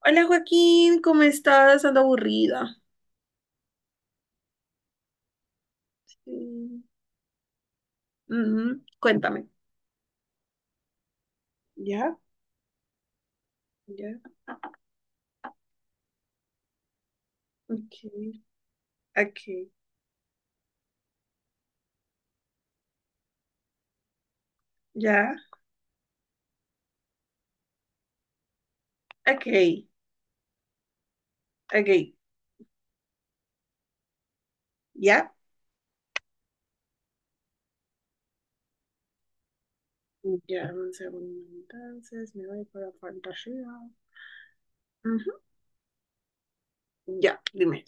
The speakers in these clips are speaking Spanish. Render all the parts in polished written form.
Hola Joaquín, ¿cómo estás? Ando aburrida. Mm. Ujú, cuéntame. Ya, ya, ok. Ok, ya. Ok, ok, ya. Ya, un segundo entonces, me voy para fantasía. Ujú. Ya, dime.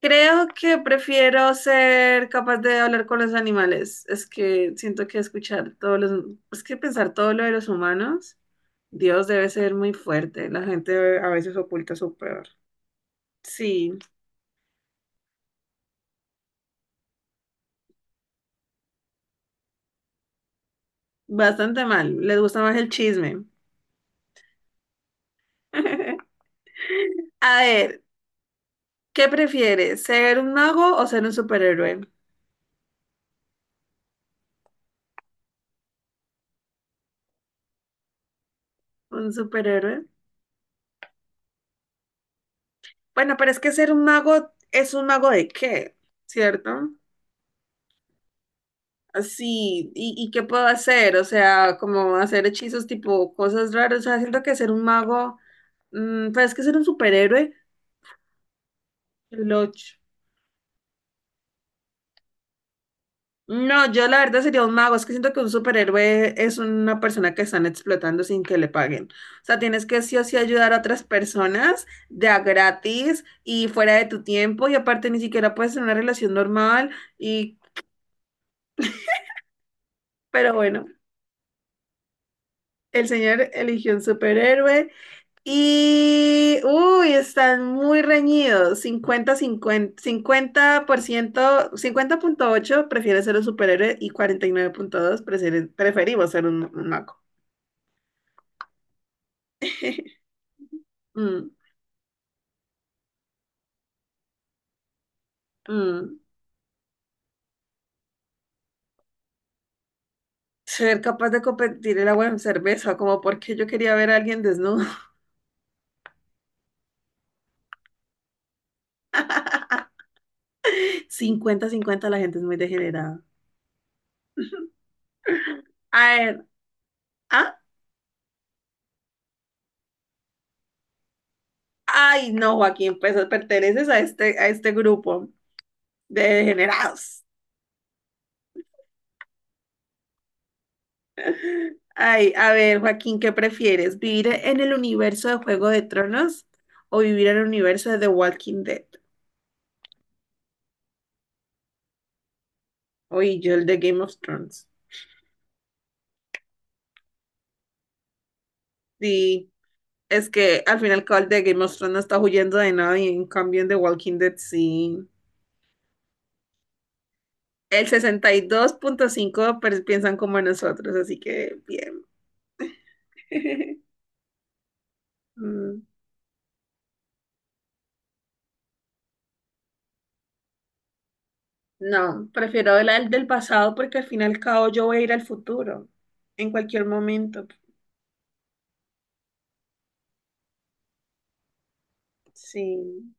Creo que prefiero ser capaz de hablar con los animales. Es que siento que escuchar todos los... Es que pensar todo lo de los humanos, Dios debe ser muy fuerte. La gente a veces oculta su peor. Sí. Bastante mal. Les gusta más el chisme. A ver, ¿qué prefieres? ¿Ser un mago o ser un superhéroe? ¿Un superhéroe? Bueno, pero es que ser un mago es un mago de qué, ¿cierto? Así, ¿y qué puedo hacer? O sea, como hacer hechizos tipo cosas raras. O sea, siento que ser un mago, pero es que ser un superhéroe, el ocho. No, yo la verdad sería un mago. Es que siento que un superhéroe es una persona que están explotando sin que le paguen. O sea, tienes que sí o sí ayudar a otras personas de a gratis y fuera de tu tiempo. Y aparte ni siquiera puedes tener una relación normal. Y, pero bueno, el señor eligió un superhéroe. Y, uy, están muy reñidos. Cincuenta, cincuenta, 50%, 50,8 prefiere ser un superhéroe y 49.2 preferimos ser un mago. Mm. Mm, ser capaz de competir el agua en cerveza, como porque yo quería ver a alguien desnudo. 50-50 la gente es muy degenerada. A ver, ¿ah? Ay, no, Joaquín, pues perteneces a este grupo de degenerados. Ay, a ver, Joaquín, ¿qué prefieres? ¿Vivir en el universo de Juego de Tronos o vivir en el universo de The Walking Dead? Oye, yo el de Game of Thrones. Sí. Es que al final el de Game of Thrones no está huyendo de nadie, en cambio en The Walking Dead sí. El 62.5 piensan como nosotros, así que bien. Mm. No, prefiero la del pasado porque al final y al cabo yo voy a ir al futuro, en cualquier momento. Sí.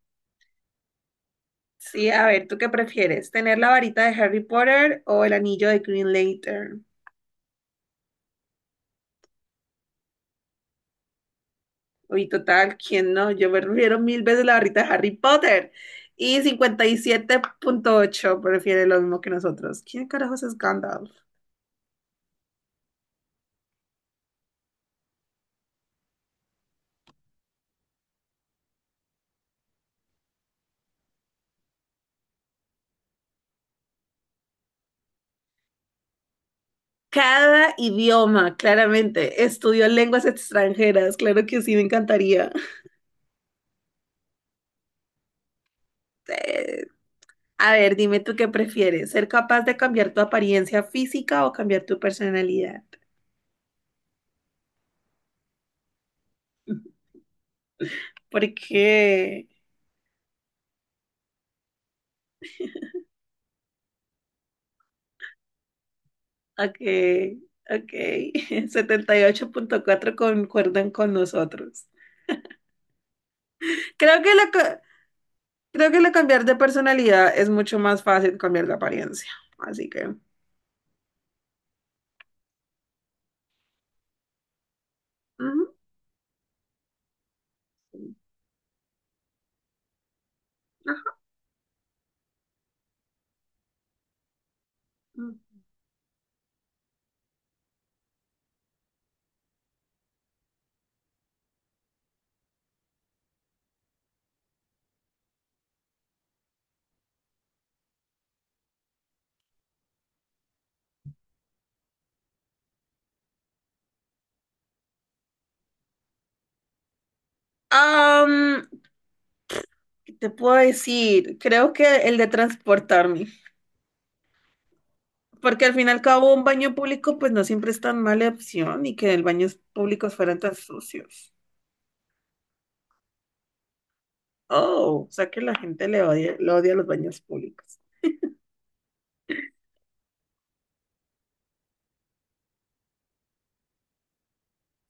Sí, a ver, ¿tú qué prefieres? ¿Tener la varita de Harry Potter o el anillo de Green Lantern? Uy, total, ¿quién no? Yo prefiero mil veces la barrita de Harry Potter. Y 57.8 prefiere lo mismo que nosotros. ¿Quién carajos es Gandalf? Cada idioma, claramente. Estudio lenguas extranjeras, claro que sí, me encantaría. Eh, a ver, dime tú qué prefieres, ser capaz de cambiar tu apariencia física o cambiar tu personalidad. ¿Por qué? Ok, ok. 78.4 concuerdan con nosotros. Creo que lo, co- Creo que el cambiar de personalidad es mucho más fácil que cambiar de apariencia. Así que... Ujú, sí, ajá. Am, ¿Qué te puedo decir? Creo que el de transportarme. Porque al fin y al cabo un baño público pues no siempre es tan mala opción y que el baños públicos fueran tan sucios. Oh, o sea que la gente le odia los baños públicos.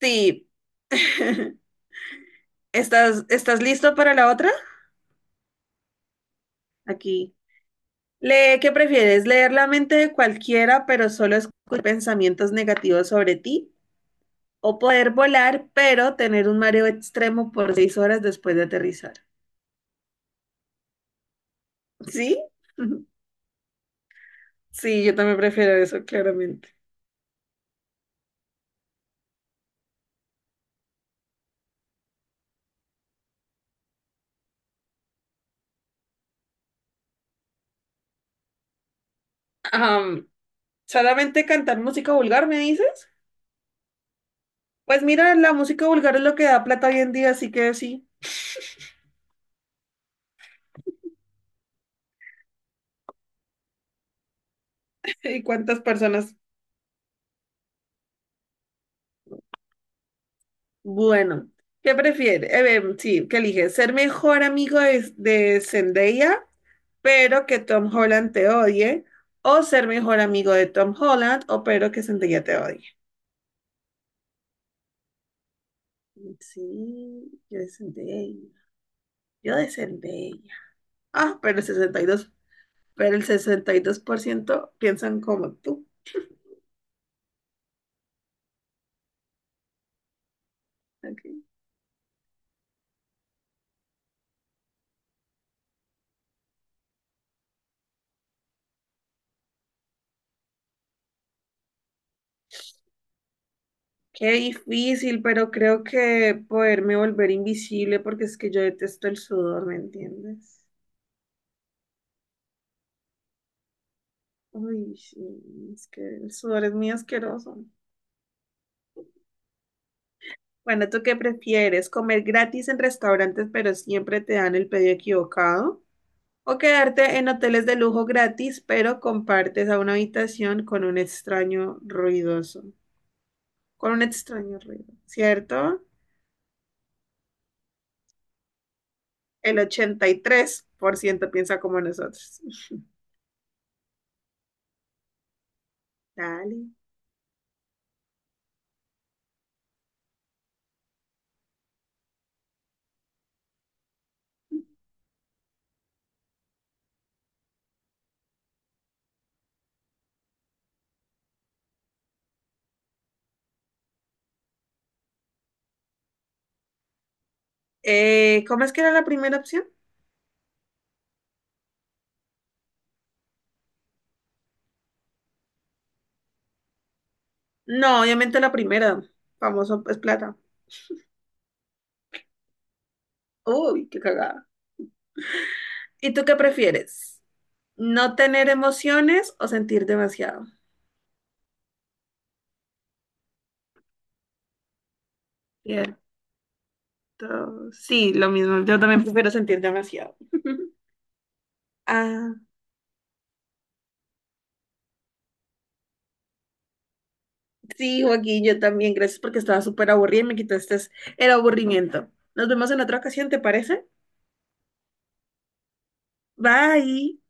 Sí. ¿Estás listo para la otra? Aquí. Le ¿qué prefieres? ¿Leer la mente de cualquiera, pero solo escuchar pensamientos negativos sobre ti? ¿O poder volar, pero tener un mareo extremo por 6 horas después de aterrizar? ¿Sí? Sí, yo también prefiero eso, claramente. Am, ¿Solamente cantar música vulgar, me dices? Pues mira, la música vulgar es lo que da plata hoy en día, así que sí. ¿Y cuántas personas? Bueno, ¿qué prefieres? Sí, ¿qué eliges? ¿Ser mejor amigo de Zendaya pero que Tom Holland te odie, o ser mejor amigo de Tom Holland, o pero que Zendaya te odie? Sí, yo de Zendaya, yo de Zendaya. Ah, pero el 62% piensan como tú. Ok. Qué difícil, pero creo que poderme volver invisible porque es que yo detesto el sudor, ¿me entiendes? Uy, sí, es que el sudor es muy asqueroso. Bueno, ¿tú qué prefieres? ¿Comer gratis en restaurantes pero siempre te dan el pedido equivocado? ¿O quedarte en hoteles de lujo gratis pero compartes a una habitación con un extraño ruidoso? Con un extraño ruido, ¿cierto? El 83% piensa como nosotros. Dale. ¿Cómo es que era la primera opción? No, obviamente la primera. Famoso es plata. Uy, qué cagada. ¿Y tú qué prefieres? ¿No tener emociones o sentir demasiado? Bien. Sí, lo mismo. Yo también prefiero sentir demasiado. Ah, sí, Joaquín, yo también. Gracias porque estaba súper aburrida y me quitaste el aburrimiento. Nos vemos en otra ocasión, ¿te parece? Bye.